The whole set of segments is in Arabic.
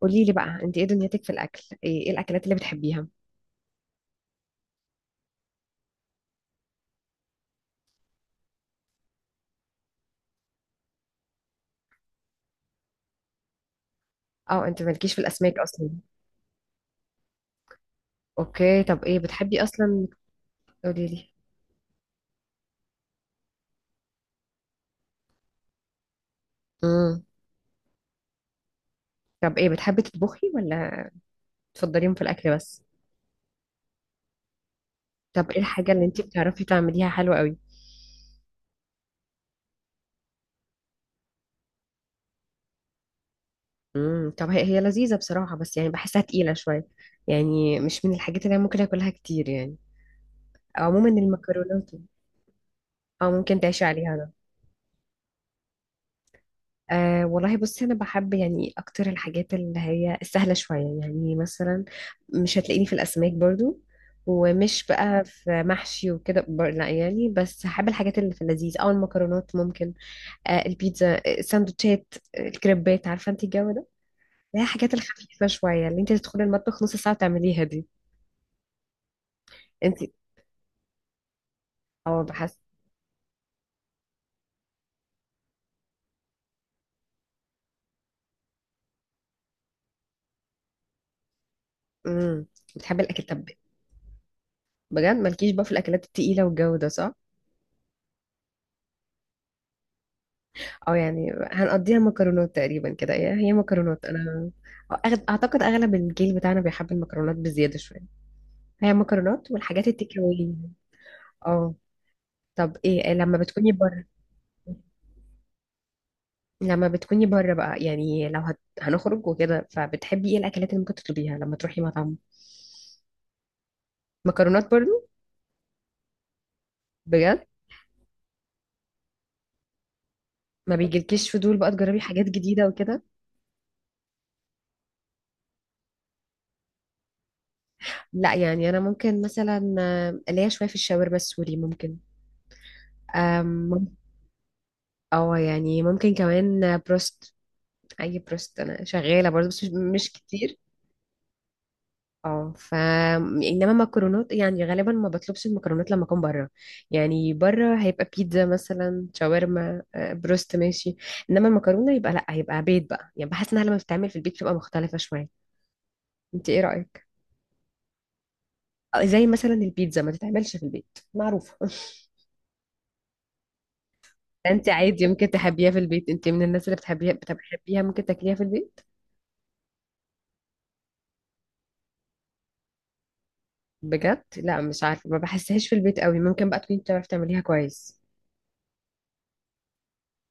قولي لي بقى، انت ايه دنيتك في الاكل؟ إيه الاكلات اللي بتحبيها؟ اه، انت مالكيش في الاسماك اصلا؟ اوكي، طب ايه بتحبي اصلا؟ قولي لي. امم. طب ايه بتحبي تطبخي ولا تفضليهم في الاكل بس؟ طب ايه الحاجه اللي انت بتعرفي تعمليها حلوه قوي؟ امم، طب هي هي لذيذه بصراحه، بس يعني بحسها تقيله شويه. يعني مش من الحاجات اللي انا ممكن اكلها كتير يعني، او عموما المكرونات. اه، ممكن تعيشي عليها. انا أه والله بصي، انا بحب يعني اكتر الحاجات اللي هي السهله شويه، يعني مثلا مش هتلاقيني في الاسماك برضو، ومش بقى في محشي وكده لا يعني، بس هحب الحاجات اللي في اللذيذ، او المكرونات ممكن. البيتزا، السندوتشات، الكريبات، عارفه انت الجو ده، اللي هي الحاجات الخفيفه شويه اللي انت تدخلي المطبخ نص ساعه تعمليها دي. انت. اه، بحس. امم. بتحبي الاكل طب؟ بجد؟ مالكيش بقى في الاكلات التقيله والجو ده، صح؟ اه يعني، هنقضيها مكرونات تقريبا كده، هي هي مكرونات انا. اعتقد اغلب الجيل بتاعنا بيحب المكرونات بزياده شويه. هي مكرونات والحاجات التيك اواي. اه. طب ايه لما بتكوني بره؟ لما بتكوني بره بقى يعني، لو هنخرج وكده، فبتحبي ايه الاكلات اللي ممكن تطلبيها لما تروحي مطعم؟ مكرونات برضو؟ بجد، ما بيجيلكيش فضول بقى تجربي حاجات جديده وكده؟ لا يعني، انا ممكن مثلا ليا شويه في الشاورما السوري، ممكن. أم، مم- اه يعني، ممكن كمان بروست. اي بروست انا شغاله برضه، بس مش كتير. اه. انما مكرونات يعني، غالبا ما بطلبش المكرونات لما اكون بره. يعني بره هيبقى بيتزا مثلا، شاورما، بروست، ماشي. انما المكرونه يبقى لا، هيبقى بيت بقى، يعني بحس انها لما بتتعمل في البيت بتبقى مختلفه شويه. انت ايه رايك؟ زي مثلا البيتزا ما تتعملش في البيت معروفه. انت عادي، ممكن تحبيها في البيت. انت من الناس اللي بتحبيها، ممكن تاكليها في البيت. بجد؟ لا مش عارفه، ما بحسهاش في البيت قوي. ممكن بقى تكوني بتعرفي تعمليها كويس.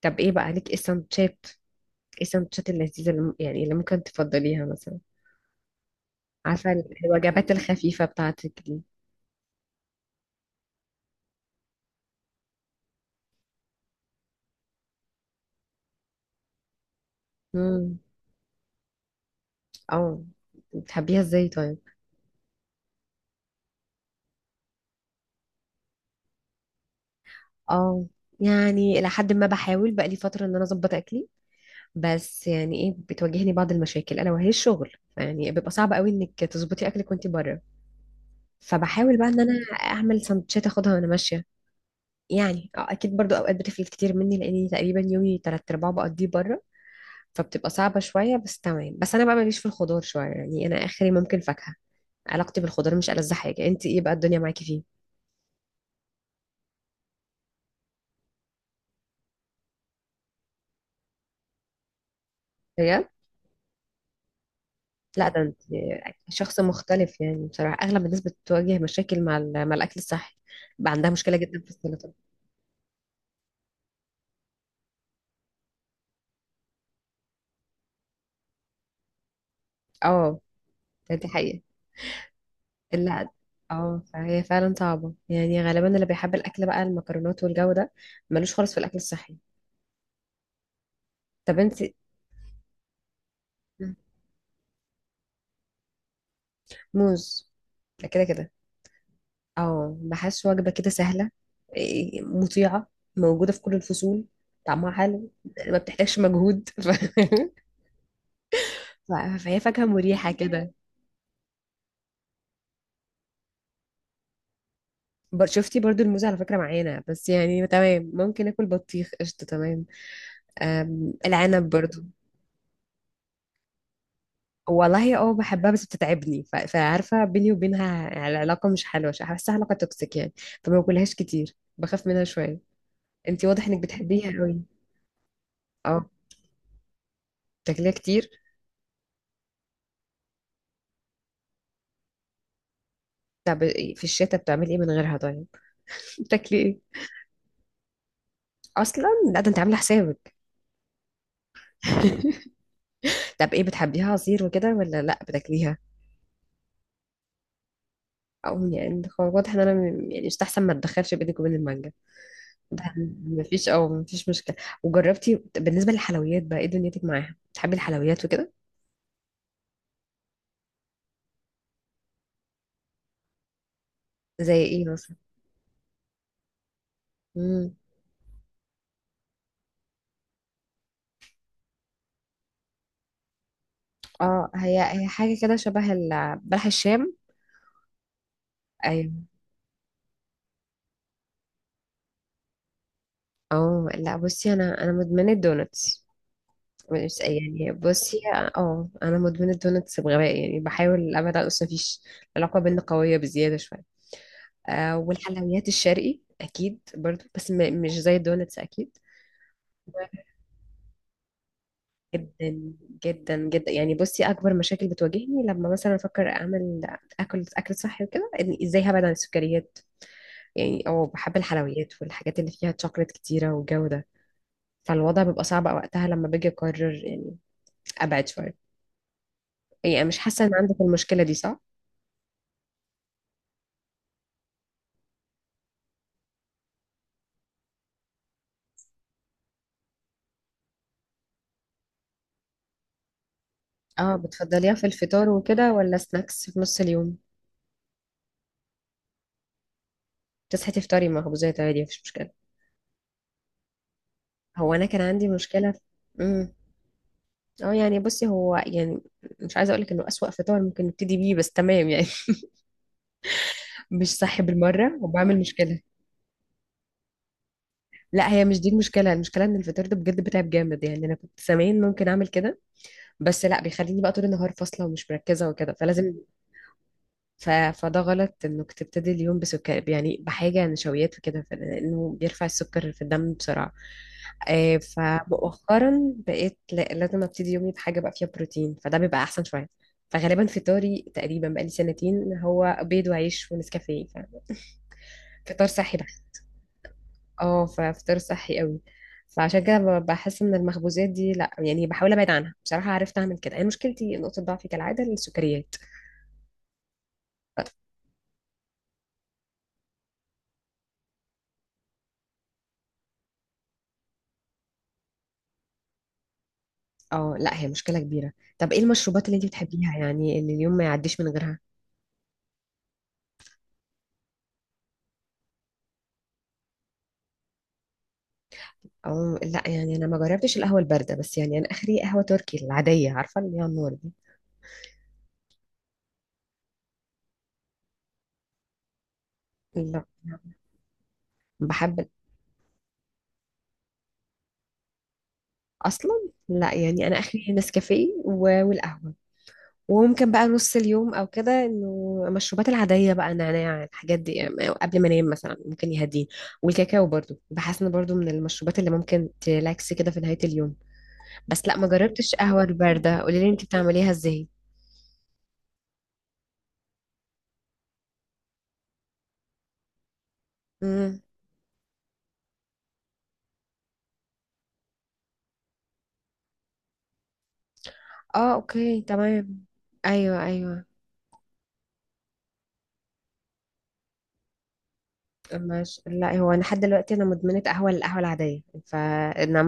طب ايه بقى ليك، ايه السندوتشات اللذيذة اللي يعني اللي ممكن تفضليها مثلا، عارفة الوجبات الخفيفة بتاعتك دي. امم. اه، بتحبيها ازاي طيب؟ اه يعني، إلى حد ما بحاول بقى لي فترة إن أنا أظبط أكلي. بس يعني إيه، بتواجهني بعض المشاكل ألا وهي الشغل، يعني بيبقى صعب قوي إنك تظبطي أكلك وأنت بره. فبحاول بقى إن أنا أعمل سندوتشات أخدها وأنا ماشية. يعني أكيد برضو أوقات بتفلت كتير مني، لأني تقريبا يومي تلات أرباعه بقضيه بره. فبتبقى صعبة شوية بس تمام، بس أنا بقى ماليش في الخضار شوية، يعني أنا آخري ممكن فاكهة. علاقتي بالخضار مش ألذ حاجة. أنت إيه بقى الدنيا معاكي فيه؟ بجد؟ لا ده أنت شخص مختلف، يعني بصراحة أغلب الناس بتواجه مشاكل مع الأكل الصحي، بقى عندها مشكلة جدا في السلطة. اه، دي حقيقة. لا، اه فهي فعلا صعبة، يعني غالبا اللي بيحب الأكل بقى المكرونات والجو ده، ملوش خالص في الأكل الصحي. طب أنت؟ موز. ده كده كده. اه، بحس وجبة كده سهلة، إيه، مطيعة، موجودة في كل الفصول، طعمها حلو، ما بتحتاجش مجهود. ف- فهي فاكهة مريحة كده. شفتي برضو الموز على فكرة معانا، بس يعني تمام. ممكن اكل بطيخ، قشطة، تمام. العنب برضو. والله اه بحبها بس بتتعبني، فعارفة بيني وبينها العلاقة مش حلوة، بحسها علاقة توكسيك يعني. فما باكلهاش كتير، بخاف منها شوية. انتي واضح انك بتحبيها قوي. اه، بتاكليها كتير؟ طب في الشتاء بتعملي ايه من غيرها طيب، بتاكلي ايه؟ اصلا؟ لا ده انت عامله حسابك. طب ايه، بتحبيها عصير وكده ولا لا، بتاكليها؟ او يعني واضح ان انا، يعني مستحسن ما اتدخلش بينك وبين المانجا. ده مفيش مشكله. وجربتي؟ بالنسبه للحلويات بقى ايه دنيتك معاها، بتحبي الحلويات وكده؟ زي ايه مثلا؟ امم، اه هي هي حاجه كده شبه بلح الشام. ايوه. اه لا بصي، انا مدمنه الدونتس، مش يعني بصي. اه، انا مدمنه دونتس بغباء، يعني بحاول ابعد، اصلا مفيش. العلاقه بينا قويه بزياده شويه. أه، والحلويات الشرقي اكيد برضو، بس مش زي الدونتس اكيد. جدا. جدا جدا، يعني بصي، اكبر مشاكل بتواجهني لما مثلا افكر اعمل اكل صحي وكده، إن ازاي هبعد عن السكريات. يعني اه، بحب الحلويات والحاجات اللي فيها شوكليت كتيره والجو ده. فالوضع بيبقى صعب وقتها لما باجي اقرر يعني ابعد شويه. يعني أنا مش حاسه ان عندك المشكله دي، صح؟ اه، بتفضليها في الفطار وكده ولا سناكس في نص اليوم؟ تصحي تفطري مخبوزات عادي، مفيش مشكله؟ هو انا كان عندي مشكله في. امم. اه يعني بصي، هو يعني مش عايزه اقولك انه اسوأ فطار ممكن نبتدي بيه، بس تمام يعني. مش صحي بالمره، وبعمل مشكله. لا، هي مش دي المشكله. المشكله ان الفطار ده بجد بتعب جامد، يعني انا كنت زمان ممكن اعمل كده، بس لا، بيخليني بقى طول النهار فاصله ومش مركزه وكده، فلازم فده غلط انك تبتدي اليوم بسكر، يعني بحاجة نشويات وكده، لانه بيرفع السكر في الدم بسرعة. فمؤخرا بقيت لازم ابتدي يومي بحاجة بقى فيها بروتين، فده بيبقى احسن شوية. فغالبا فطاري تقريبا بقالي سنتين هو بيض وعيش ونسكافيه، فطار صحي بحت. اه ففطار صحي قوي، فعشان كده بحس ان المخبوزات دي لا يعني، بحاول ابعد عنها بصراحة، عرفت اعمل كده. انا مشكلتي نقطة ضعفي كالعادة السكريات. اه لا، هي مشكلة كبيرة. طب ايه المشروبات اللي انت بتحبيها، يعني اللي اليوم ما يعديش من غيرها؟ او لا يعني، انا ما جربتش القهوة الباردة، بس يعني انا اخري قهوة تركي العادية، عارفة اللي هي النور دي. لا، بحب. اصلا؟ لا يعني، انا اخري نسكافيه والقهوة. وممكن بقى نص اليوم او كده انه المشروبات العادية بقى، نعناع، الحاجات دي يعني قبل ما انام مثلا، ممكن يهديني. والكاكاو برضو، بحس انه برضو من المشروبات اللي ممكن تلاكس كده في نهاية اليوم. بس لا، ما جربتش قهوة الباردة، قولي لي انت بتعمليها ازاي؟ امم. اه، اوكي تمام. ايوه، ايوه. ماشي. لا هو، انا لحد دلوقتي انا مدمنه قهوه، القهوه العاديه، فانما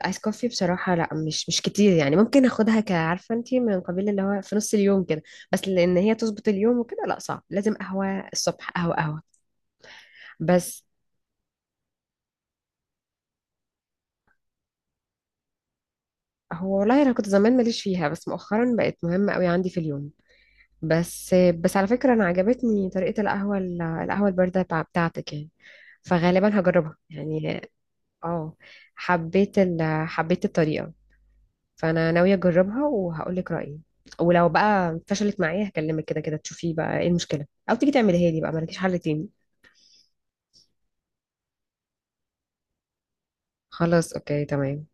الايس كوفي بصراحه لا، مش كتير، يعني ممكن اخدها كعارفه انتي من قبيل اللي هو في نص اليوم كده، بس لان هي تظبط اليوم وكده لا صعب، لازم قهوه الصبح، قهوه قهوه. بس. هو والله انا كنت زمان ماليش فيها بس مؤخرا بقت مهمه قوي عندي في اليوم، بس على فكره، انا عجبتني طريقه القهوه البارده بتاعتك يعني، فغالبا هجربها يعني. اه، حبيت حبيت الطريقة، فأنا ناوية أجربها وهقولك رأيي. ولو بقى فشلت معايا، هكلمك كده كده تشوفي بقى ايه المشكلة، أو تيجي تعمليها لي بقى، مالكيش حل تاني. خلاص، أوكي تمام.